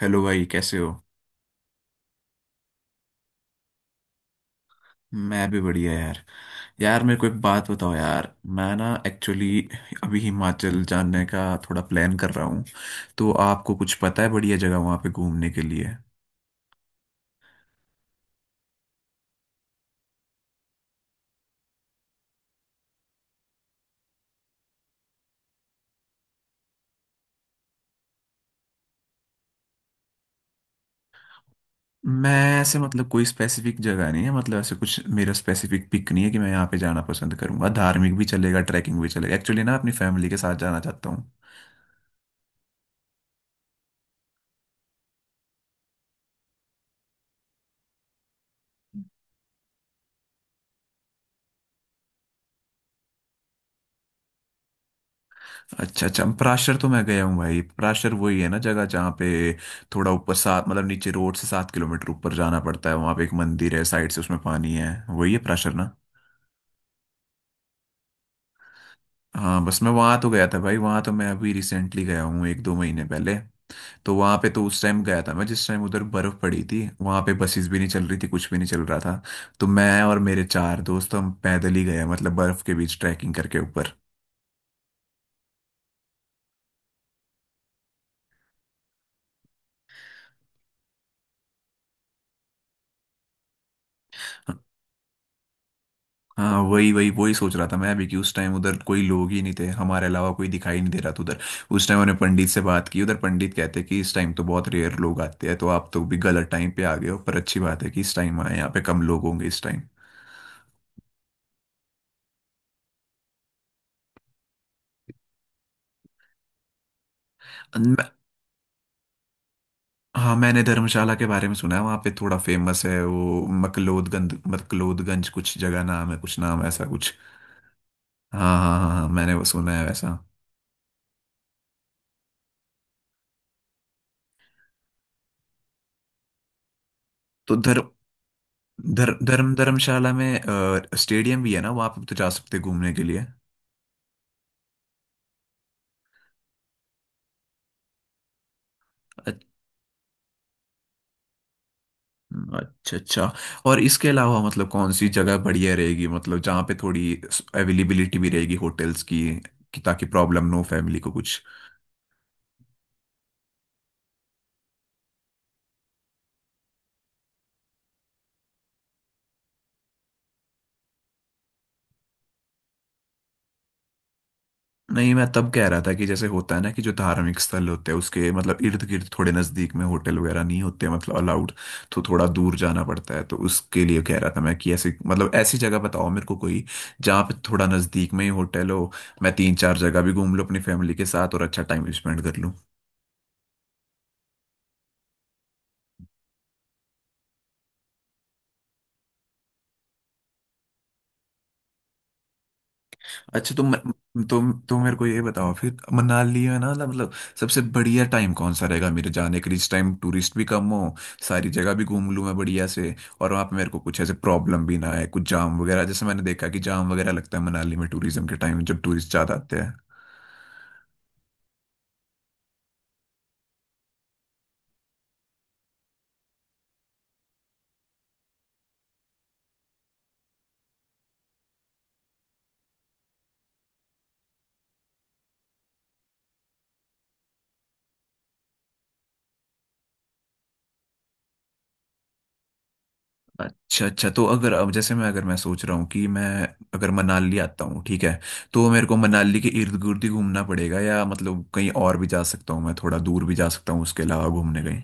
Hello भाई कैसे हो। मैं भी बढ़िया यार। यार मेरे को एक बात बताओ यार। मैं ना एक्चुअली अभी हिमाचल जाने का थोड़ा प्लान कर रहा हूँ। तो आपको कुछ पता है बढ़िया जगह वहाँ पे घूमने के लिए? मैं ऐसे मतलब कोई स्पेसिफिक जगह नहीं है, मतलब ऐसे कुछ मेरा स्पेसिफिक पिक नहीं है कि मैं यहाँ पे जाना पसंद करूंगा। धार्मिक भी चलेगा, ट्रैकिंग भी चलेगा, एक्चुअली ना अपनी फैमिली के साथ जाना चाहता हूँ। अच्छा अच्छा, पराशर तो मैं गया हूँ भाई। पराशर वही है ना जगह जहाँ पे थोड़ा ऊपर सात मतलब नीचे रोड से 7 किलोमीटर ऊपर जाना पड़ता है, वहाँ पे एक मंदिर है, साइड से उसमें पानी है, वही है पराशर ना। हाँ बस मैं वहाँ तो गया था भाई, वहाँ तो मैं अभी रिसेंटली गया हूँ, एक दो महीने पहले। तो वहाँ पे तो उस टाइम गया था मैं जिस टाइम उधर बर्फ पड़ी थी, वहाँ पे बसेस भी नहीं चल रही थी, कुछ भी नहीं चल रहा था। तो मैं और मेरे चार दोस्त हम पैदल ही गए, मतलब बर्फ के बीच ट्रैकिंग करके ऊपर। हाँ वही वही वही सोच रहा था मैं अभी कि उस टाइम उधर कोई लोग ही नहीं थे, हमारे अलावा कोई दिखाई नहीं दे रहा था उधर। उस टाइम मैंने पंडित से बात की उधर, पंडित कहते कि इस टाइम तो बहुत रेयर लोग आते हैं, तो आप तो भी गलत टाइम पे आ गए हो, पर अच्छी बात है कि इस टाइम आए, यहाँ पे कम लोग होंगे इस टाइम। मैं- हाँ मैंने धर्मशाला के बारे में सुना है, वहाँ पे थोड़ा फेमस है वो मकलोदगंज, मकलोदगंज कुछ जगह नाम है, कुछ नाम ऐसा कुछ। हाँ हाँ हाँ हाँ मैंने वो सुना है वैसा। तो धर्म धर्म धर्म धर्मशाला में स्टेडियम भी है ना वहाँ पे, तो जा सकते हैं घूमने के लिए। अच्छा अच्छा। और इसके अलावा मतलब कौन सी जगह बढ़िया रहेगी, मतलब जहाँ पे थोड़ी अवेलेबिलिटी भी रहेगी होटल्स की, कि ताकि प्रॉब्लम ना हो फैमिली को कुछ। नहीं मैं तब कह रहा था कि जैसे होता है ना कि जो धार्मिक स्थल होते हैं उसके मतलब इर्द गिर्द थोड़े नज़दीक में होटल वगैरह नहीं होते मतलब अलाउड, तो थोड़ा दूर जाना पड़ता है। तो उसके लिए कह रहा था मैं कि ऐसे मतलब ऐसी जगह बताओ मेरे को कोई जहाँ पे थोड़ा नज़दीक में ही होटल हो, मैं तीन चार जगह भी घूम लूँ अपनी फैमिली के साथ और अच्छा टाइम स्पेंड कर लूँ। अच्छा तुम मेरे को ये बताओ फिर, मनाली है ना, मतलब सबसे बढ़िया टाइम कौन सा रहेगा मेरे जाने के लिए, इस टाइम टूरिस्ट भी कम हो, सारी जगह भी घूम लूँ मैं बढ़िया से, और वहाँ पे मेरे को कुछ ऐसे प्रॉब्लम भी ना आए, कुछ जाम वगैरह, जैसे मैंने देखा कि जाम वगैरह लगता है मनाली में टूरिज्म के टाइम जब टूरिस्ट ज़्यादा आते हैं। अच्छा अच्छा, तो अगर अब जैसे मैं, अगर मैं सोच रहा हूँ कि मैं, अगर मनाली आता हूँ ठीक है, तो मेरे को मनाली के इर्द गिर्द ही घूमना पड़ेगा या मतलब कहीं और भी जा सकता हूँ, मैं थोड़ा दूर भी जा सकता हूँ उसके अलावा घूमने कहीं?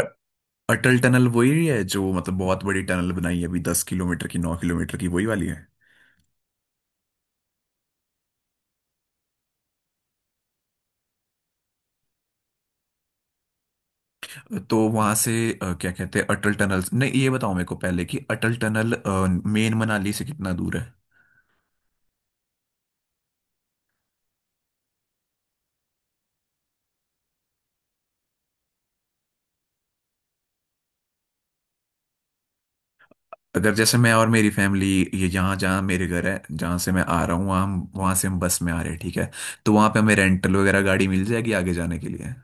अ- अटल टनल वही है जो मतलब बहुत बड़ी टनल बनाई है अभी, 10 किलोमीटर की, 9 किलोमीटर की, वही वाली है। तो वहां से क्या कहते हैं अटल टनल, नहीं ये बताओ मेरे को पहले कि अटल टनल मेन मनाली से कितना दूर है? अगर जैसे मैं और मेरी फैमिली, ये जहाँ जहाँ मेरे घर है जहाँ से मैं आ रहा हूँ, वहाँ वहाँ से हम बस में आ रहे हैं ठीक है, तो वहाँ पे हमें रेंटल वगैरह गाड़ी मिल जाएगी आगे जाने के लिए।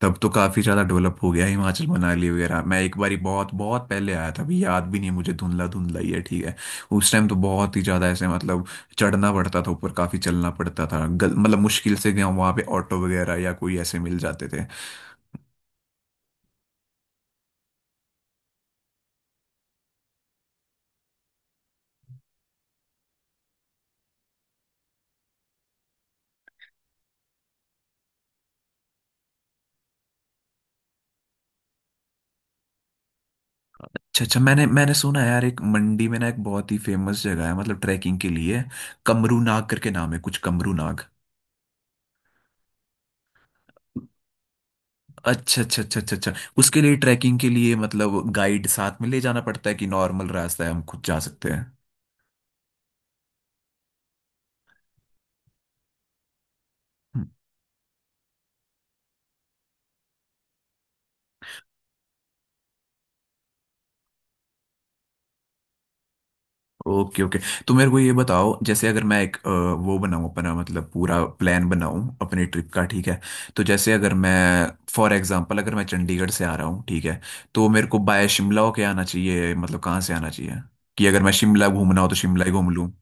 तब तो काफी ज्यादा डेवलप हो गया हिमाचल, मनाली वगैरह। मैं एक बारी बहुत बहुत पहले आया था, अभी याद भी नहीं है मुझे, धुंधला धुंधला ही है ठीक है। उस टाइम तो बहुत ही ज्यादा ऐसे मतलब चढ़ना पड़ता था ऊपर, काफी चलना पड़ता था, मतलब मुश्किल से गया वहां पे, ऑटो वगैरह या कोई ऐसे मिल जाते थे। अच्छा अच्छा, मैंने मैंने सुना है यार एक मंडी में ना एक बहुत ही फेमस जगह है मतलब ट्रैकिंग के लिए, कमरू नाग करके नाम है कुछ, कमरू नाग। अच्छा अच्छा अच्छा अच्छा अच्छा। उसके लिए ट्रैकिंग के लिए मतलब गाइड साथ में ले जाना पड़ता है कि नॉर्मल रास्ता है हम खुद जा सकते हैं? ओके ओके, तो मेरे को ये बताओ, जैसे अगर मैं एक वो बनाऊं अपना मतलब पूरा प्लान बनाऊं अपनी ट्रिप का ठीक है, तो जैसे अगर मैं फॉर एग्जांपल अगर मैं चंडीगढ़ से आ रहा हूँ ठीक है, तो मेरे को बाय शिमला होके आना चाहिए मतलब कहाँ से आना चाहिए, कि अगर मैं शिमला घूमना हो तो शिमला ही घूम लूँ।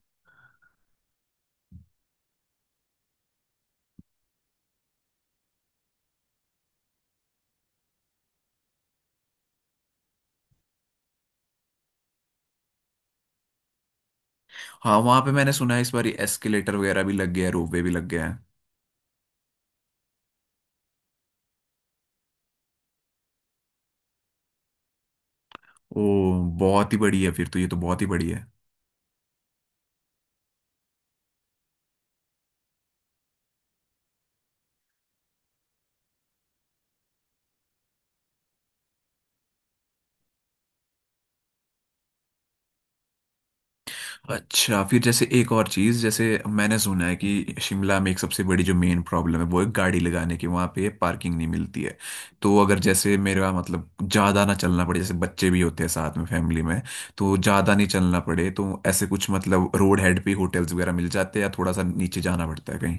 हाँ वहाँ पे मैंने सुना है इस बार एस्केलेटर वगैरह भी लग गया है, रोपवे भी लग गया है। ओ, बहुत ही बड़ी है फिर तो, ये तो बहुत ही बड़ी है। अच्छा फिर जैसे एक और चीज, जैसे मैंने सुना है कि शिमला में एक सबसे बड़ी जो मेन प्रॉब्लम है वो है गाड़ी लगाने की, वहां पे पार्किंग नहीं मिलती है। तो अगर जैसे मेरा मतलब ज्यादा ना चलना पड़े, जैसे बच्चे भी होते हैं साथ में फैमिली में, तो ज्यादा नहीं चलना पड़े, तो ऐसे कुछ मतलब रोड हेड पे होटल्स वगैरह मिल जाते हैं या थोड़ा सा नीचे जाना पड़ता है कहीं?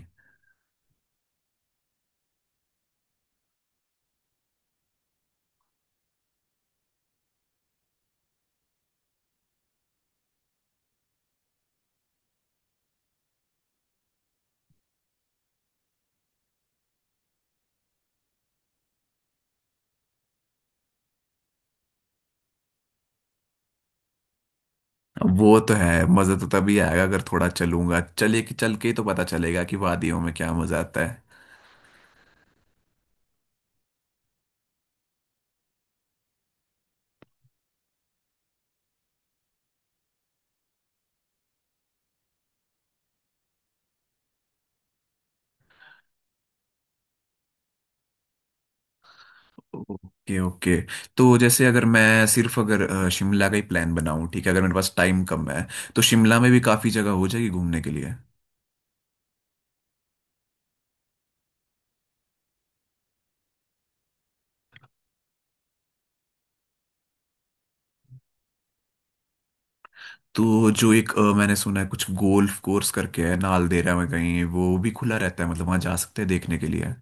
अब वो तो है, मजा तो तभी आएगा अगर थोड़ा चलूंगा, चले कि चल के ही तो पता चलेगा कि वादियों में क्या मजा आता है। ओके ओके, तो जैसे अगर मैं सिर्फ अगर शिमला का ही प्लान बनाऊं ठीक है, अगर मेरे पास टाइम कम है, तो शिमला में भी काफ़ी जगह हो जाएगी घूमने के लिए। तो जो एक मैंने सुना है कुछ गोल्फ कोर्स करके है नालदेहरा में कहीं, वो भी खुला रहता है मतलब, वहाँ जा सकते हैं देखने के लिए?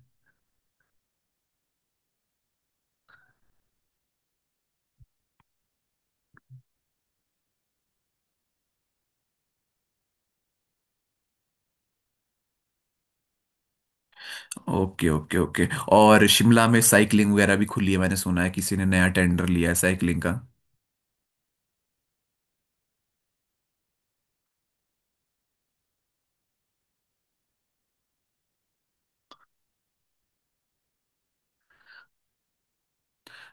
ओके ओके ओके, और शिमला में साइकिलिंग वगैरह भी खुली है मैंने सुना है, किसी ने नया टेंडर लिया है साइकिलिंग का।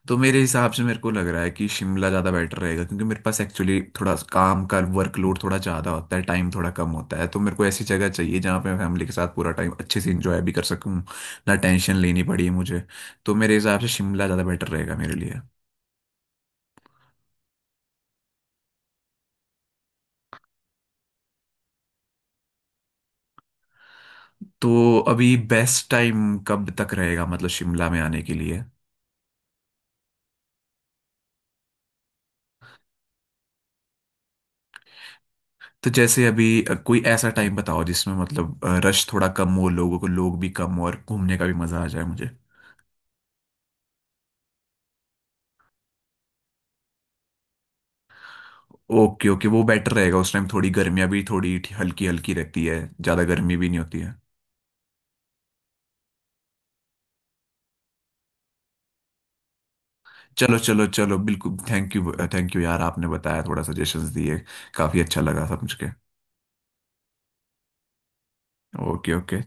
तो मेरे हिसाब से मेरे को लग रहा है कि शिमला ज़्यादा बेटर रहेगा, क्योंकि मेरे पास एक्चुअली थोड़ा काम का वर्कलोड थोड़ा ज़्यादा होता है, टाइम थोड़ा कम होता है, तो मेरे को ऐसी जगह चाहिए जहाँ पे मैं फैमिली के साथ पूरा टाइम अच्छे से इंजॉय भी कर सकूँ, ना टेंशन लेनी पड़ी मुझे। तो मेरे हिसाब से शिमला ज़्यादा बेटर रहेगा मेरे लिए। तो अभी बेस्ट टाइम कब तक रहेगा मतलब शिमला में आने के लिए? तो जैसे अभी कोई ऐसा टाइम बताओ जिसमें मतलब रश थोड़ा कम हो लोगों को, लोग भी कम हो और घूमने का भी मज़ा आ जाए मुझे। ओके ओके, वो बेटर रहेगा, उस टाइम थोड़ी गर्मियाँ भी थोड़ी हल्की हल्की रहती है, ज़्यादा गर्मी भी नहीं होती है। चलो चलो चलो बिल्कुल, थैंक यू यार, आपने बताया थोड़ा सजेशंस दिए, काफ़ी अच्छा लगा समझ के। Okay okay.